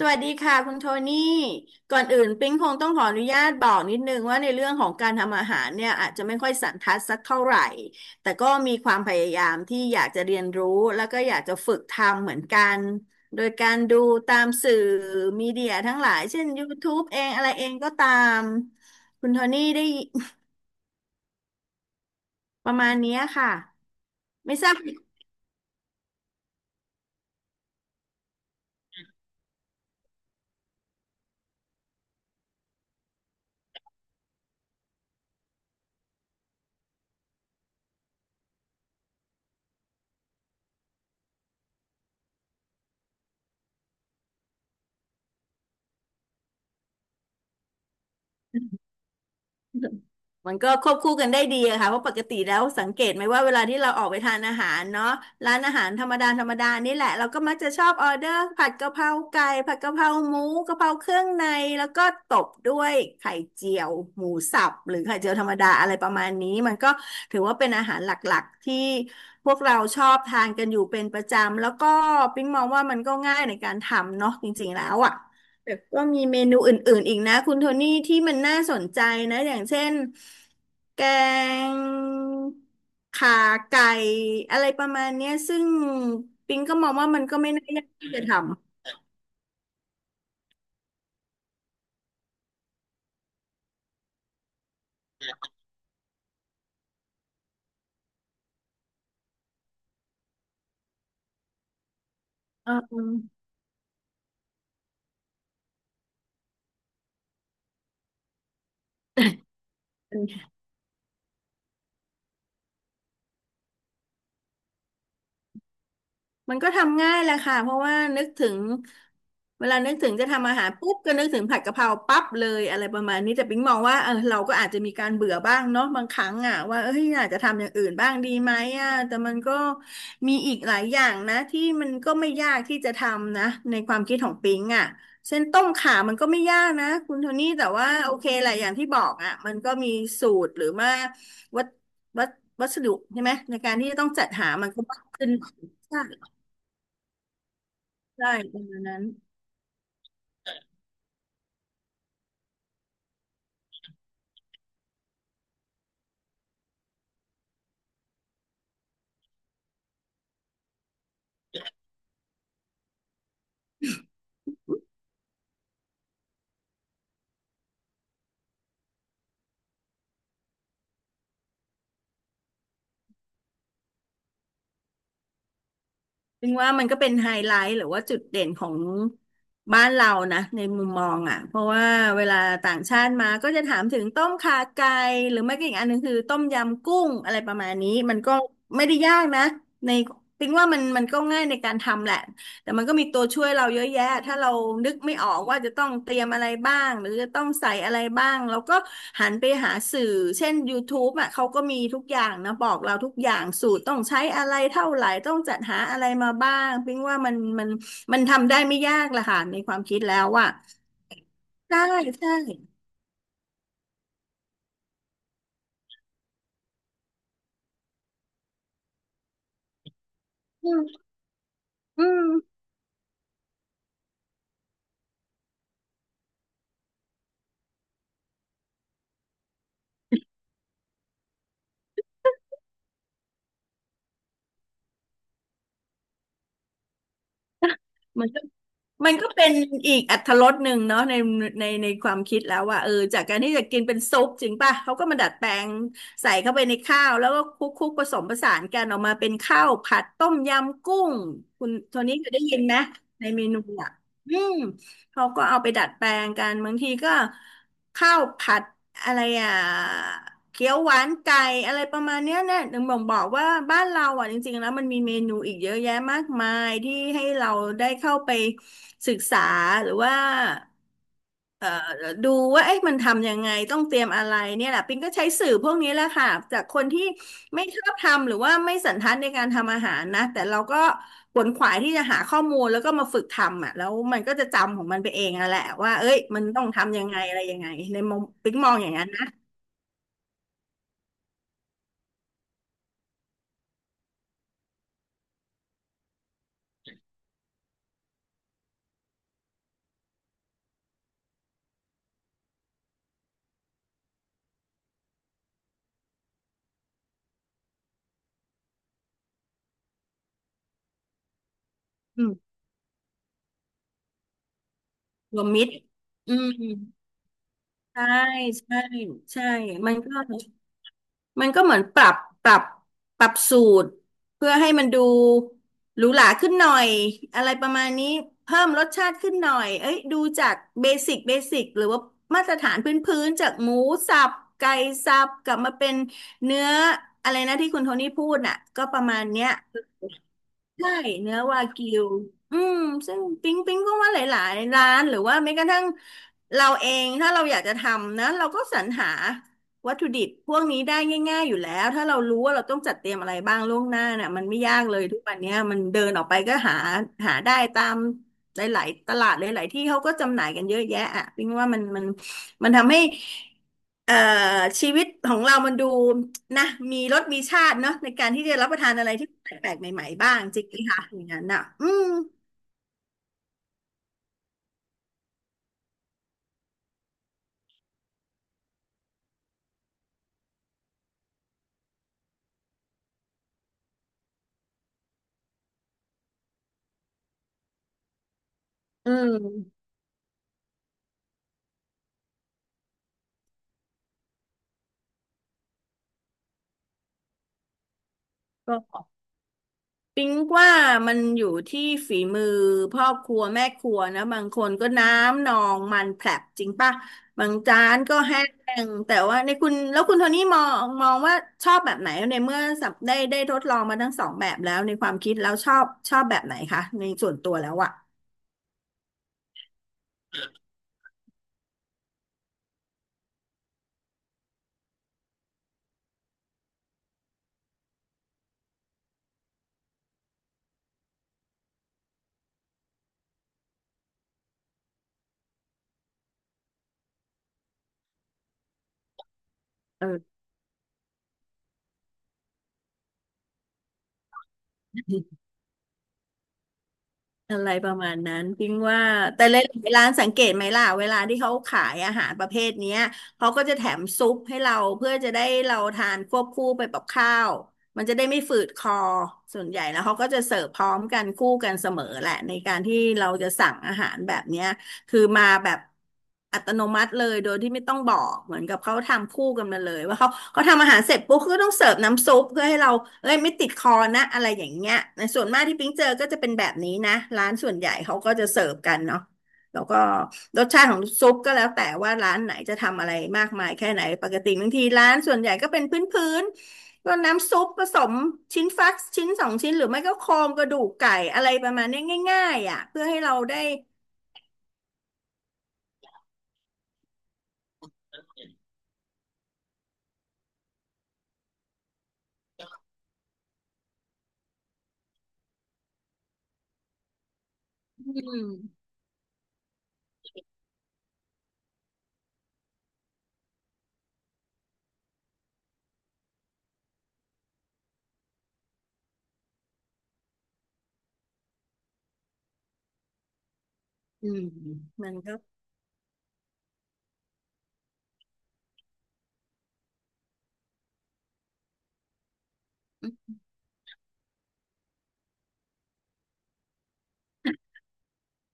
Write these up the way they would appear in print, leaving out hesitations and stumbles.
สวัสดีค่ะคุณโทนี่ก่อนอื่นปิ๊งคงต้องขออนุญาตบอกนิดนึงว่าในเรื่องของการทำอาหารเนี่ยอาจจะไม่ค่อยสันทัดสักเท่าไหร่แต่ก็มีความพยายามที่อยากจะเรียนรู้แล้วก็อยากจะฝึกทำเหมือนกันโดยการดูตามสื่อมีเดียทั้งหลายเช่น YouTube เองอะไรเองก็ตามคุณโทนี่ได้ประมาณเนี้ยค่ะไม่ทราบ มันก็ควบคู่กันได้ดีอะค่ะเพราะปกติแล้วสังเกตไหมว่าเวลาที่เราออกไปทานอาหารเนาะร้านอาหารธรรมดาธรรมดานี่แหละเราก็มักจะชอบออเดอร์ผัดกะเพราไก่ผัดกะเพราหมูกะเพราเครื่องในแล้วก็ตบด้วยไข่เจียวหมูสับหรือไข่เจียวธรรมดาอะไรประมาณนี้มันก็ถือว่าเป็นอาหารหลักๆที่พวกเราชอบทานกันอยู่เป็นประจำแล้วก็ปิ๊งมองว่ามันก็ง่ายในการทำเนาะจริงๆแล้วอะ แต่ก็มีเมนูอื่นๆอีกนะคุณโทนี่ที่มันน่าสนใจนะอย่างเช่นแกงขาไก่อะไรประมาณเนี้ยซึ่งปิงก็มองว่ามันก็ไม่น่ายากที่จะทำเออ มันก็ทำง่ายแหละค่ะเพราะว่านึกถึงเวลานึกถึงจะทำอาหารปุ๊บก็นึกถึงผัดกะเพราปั๊บเลยอะไรประมาณนี้แต่ปิ๊งมองว่าเออเราก็อาจจะมีการเบื่อบ้างเนาะบางครั้งอ่ะว่าเอ้ยอาจจะทำอย่างอื่นบ้างดีไหมอ่ะแต่มันก็มีอีกหลายอย่างนะที่มันก็ไม่ยากที่จะทำนะในความคิดของปิ๊งอ่ะเส้นต้มข่ามันก็ไม่ยากนะคุณโทนี่แต่ว่าโอเคแหละอย่างที่บอกอ่ะมันก็มีสูตรหรือว่าวัตวัตวัสดุใช่ไหมในการที่จะต้องจัดหามันก็มากขึ้น ใช่ประมาณนั้นถึงว่ามันก็เป็นไฮไลท์หรือว่าจุดเด่นของบ้านเรานะในมุมมองอ่ะเพราะว่าเวลาต่างชาติมาก็จะถามถึงต้มข่าไก่หรือไม่ก็อีกอันหนึงคือต้มยำกุ้งอะไรประมาณนี้มันก็ไม่ได้ยากนะในถึงว่ามันก็ง่ายในการทำแหละ แต่มันก็มีตัวช่วยเราเยอะแยะถ้าเรานึกไม่ออกว่าจะต้องเตรียมอะไรบ้างหรือจะต้องใส่อะไรบ้างเราก็หันไปหาสื่อเช่น y o ท t u อ่ะเขาก็มีทุกอย่างนะบอกเราทุกอย่างสูตรต้องใช้อะไรเท่าไหร่ต้องจัดหาอะไรมาบ้างพิงว่ามันทำได้ไม่ยากละค่ะในความคิดแล้วอ่ะใช่ใช่อืมอืม มันก็ มันก็เป็นอีกอรรถรสหนึ่งเนาะในความคิดแล้วว่าเออจากการที่จะกินเป็นซุปจริงป่ะเขาก็มาดัดแปลงใส่เข้าไปในข้าวแล้วก็คลุกคลุกผสมผสานกันออกมาเป็นข้าวผัดต้มยำกุ้งคุณโทนี้เคยได้ยินไหมในเมนูอ่ะอืมเขาก็เอาไปดัดแปลงกันบางทีก็ข้าวผัดอะไรอ่ะ เกี๊ยวหวานไก่อะไรประมาณเนี้ยเนี่ยถึงบอกว่าบ้านเราอ่ะจริงๆแล้วมันมีเมนูอีกเยอะแยะมากมายที่ให้เราได้เข้าไปศึกษาหรือว่าเอ่อดูว่าเอ๊ะมันทำยังไงต้องเตรียมอะไรเนี่ยแหละปิงก็ใช้สื่อพวกนี้แหละค่ะจากคนที่ไม่ชอบทำหรือว่าไม่สันทัดในการทำอาหารนะแต่เราก็ขวนขวายที่จะหาข้อมูลแล้วก็มาฝึกทำอ่ะแล้วมันก็จะจำของมันไปเองอะแหละว่าเอ้ยมันต้องทำยังไงอะไรยังไงในมุมปิงมองอย่างนั้นนะ รวมมิตรอืมใช่ใช่ใช่มันก็มันก็เหมือนปรับ ปรับสูตร เพื่อให้มันดูหรูหราขึ้นหน่อย อะไรประมาณนี้ เพิ่มรสชาติขึ้นหน่อยเอ้ยดูจากเบสิกเบสิกหรือว่ามาตรฐานพื้นพื้นจากหมูสับ ไก่สับกลับมาเป็นเนื้ออะไรนะที่คุณโทนี่พูดน่ะก็ประมาณเนี้ย ใช่เนื้อวากิวอืมซึ่งปิ๊งก็ว่าหลายๆร้านหรือว่าแม้กระทั่งเราเองถ้าเราอยากจะทำนะเราก็สรรหาวัตถุดิบพวกนี้ได้ง่ายๆอยู่แล้วถ้าเรารู้ว่าเราต้องจัดเตรียมอะไรบ้างล่วงหน้าน่ะมันไม่ยากเลยทุกวันเนี้ยมันเดินออกไปก็หาหาได้ตามหลายๆตลาดหลายๆที่เขาก็จำหน่ายกันเยอะแยะอ่ะปิ๊งว่ามันทำให้เอ่อชีวิตของเรามันดู นะมีรสมีชาติเนาะในการที่จะรับประทานอะไรที่แปลกๆใหม่ๆบ้างจริงไหมคะอย่างนั้นอ่ะอืมอืมก็ปิ๊งว่ามันอยู่ที่ฝีมือพ่อครัวแม่ครัวนะบางคนก็น้ำนองมันแผลบจริงป่ะบางจานก็แห้งแต่ว่าในคุณแล้วคุณโทนี่มองว่าชอบแบบไหนในเมื่อสับได้ทดลองมาทั้งสองแบบแล้วในความคิดแล้วชอบแบบไหนคะในส่วนตัวแล้วอะเออ อะไรประมาณนั้นพิงว่าแต่หลายๆร้านสังเกตไหมล่ะเวลาที่เขาขายอาหารประเภทเนี้ยเขาก็จะแถมซุปให้เราเพื่อจะได้เราทานควบคู่ไปกับข้าวมันจะได้ไม่ฝืดคอส่วนใหญ่แล้วเขาก็จะเสิร์ฟพร้อมกันคู่กันเสมอแหละในการที่เราจะสั่งอาหารแบบเนี้ย คือมาแบบอัตโนมัติเลยโดยที่ไม่ต้องบอกเหมือนกับเขาทำคู่กันมาเลยว่าเขาทำอาหารเสร็จปุ๊บก็ต้องเสิร์ฟน้ำซุปเพื่อให้เราเอ้ยไม่ติดคอนะอะไรอย่างเงี้ยในส่วนมากที่ปิ๊งเจอก็จะเป็นแบบนี้นะร้านส่วนใหญ่เขาก็จะเสิร์ฟกันเนาะแล้วก็รสชาติของซุปก็แล้วแต่ว่าร้านไหนจะทำอะไรมากมายแค่ไหนปกติบางทีร้านส่วนใหญ่ก็เป็นพื้นๆก็น้ำซุปผสมชิ้นฟักชิ้นสองชิ้นหรือไม่ก็โครงกระดูกไก่อะไรประมาณเนี้ยง่ายๆอ่ะเพื่อให้เราได้อืม อืมมันก็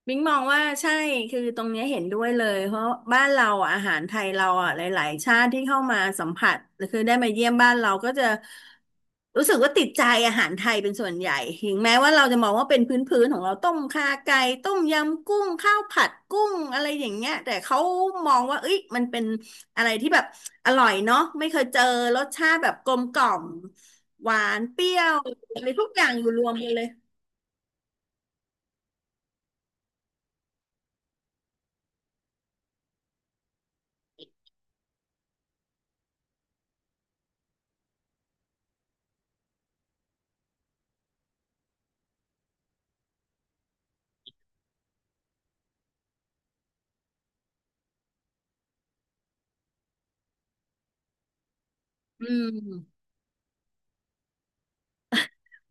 บิ๊กมองว่าใช่คือตรงเนี้ยเห็นด้วยเลยเพราะบ้านเราออาหารไทยเราอ่ะหลายๆชาติที่เข้ามาสัมผัสคือได้มาเยี่ยมบ้านเราก็จะรู้สึกว่าติดใจอาหารไทยเป็นส่วนใหญ่ถึงแม้ว่าเราจะมองว่าเป็นพื้นๆของเราต้มข่าไก่ต้มยำกุ้งข้าวผัดกุ้งอะไรอย่างเงี้ยแต่เขามองว่าเอ้ยมันเป็นอะไรที่แบบอร่อยเนาะไม่เคยเจอรสชาติแบบกลมกล่อมหวานเปรี้ยวอะไรทุกอย่างอยู่รวมกันเลยอืม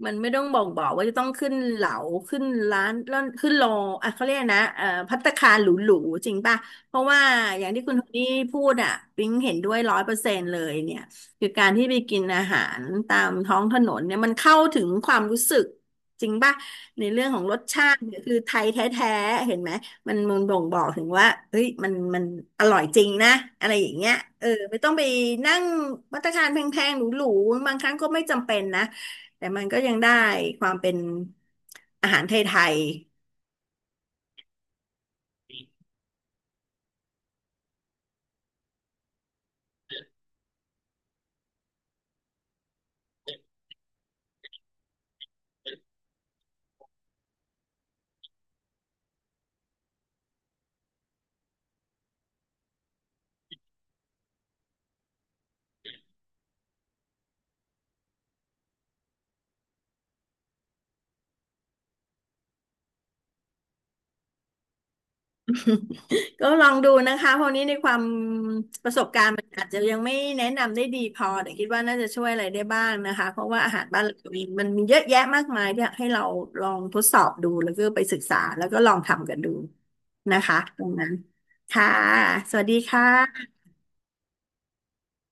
มันไม่ต้องบอกว่าจะต้องขึ้นเหลาขึ้นร้านแล้วขึ้นโลอ่ะเขาเรียกนะภัตตาคารหรูๆจริงป่ะเพราะว่าอย่างที่คุณโทนี่พูดอ่ะปิ๊งเห็นด้วย100%เลยเนี่ยคือการที่ไปกินอาหารตามท้องถนนเนี่ยมันเข้าถึงความรู้สึกจริงป่ะในเรื่องของรสชาติเนี่ยคือไทยแท้ๆเห็นไหมมันบ่งบอกถึงว่าเฮ้ยมันอร่อยจริงนะอะไรอย่างเงี้ยเออไม่ต้องไปนั่งภัตตาคารแพงๆหรูๆบางครั้งก็ไม่จำเป็นนะ แต่มันก็ยังได้ความเป็นอาหารไทยๆก็ลองดูนะคะเพราะนี้ในความประสบการณ์มันอาจจะยังไม่แนะนำได้ดีพอแต่คิดว่าน่าจะช่วยอะไรได้บ้างนะคะเพราะว่าอาหารบ้านเราเองมันมีเยอะแยะมากมายที่ให้เราลองทดสอบดูแล้วก็ไปศึกษาแล้วก็ลองทำกันดูนะคะตรงนั้น ค่ะ สวัสดีค่ะ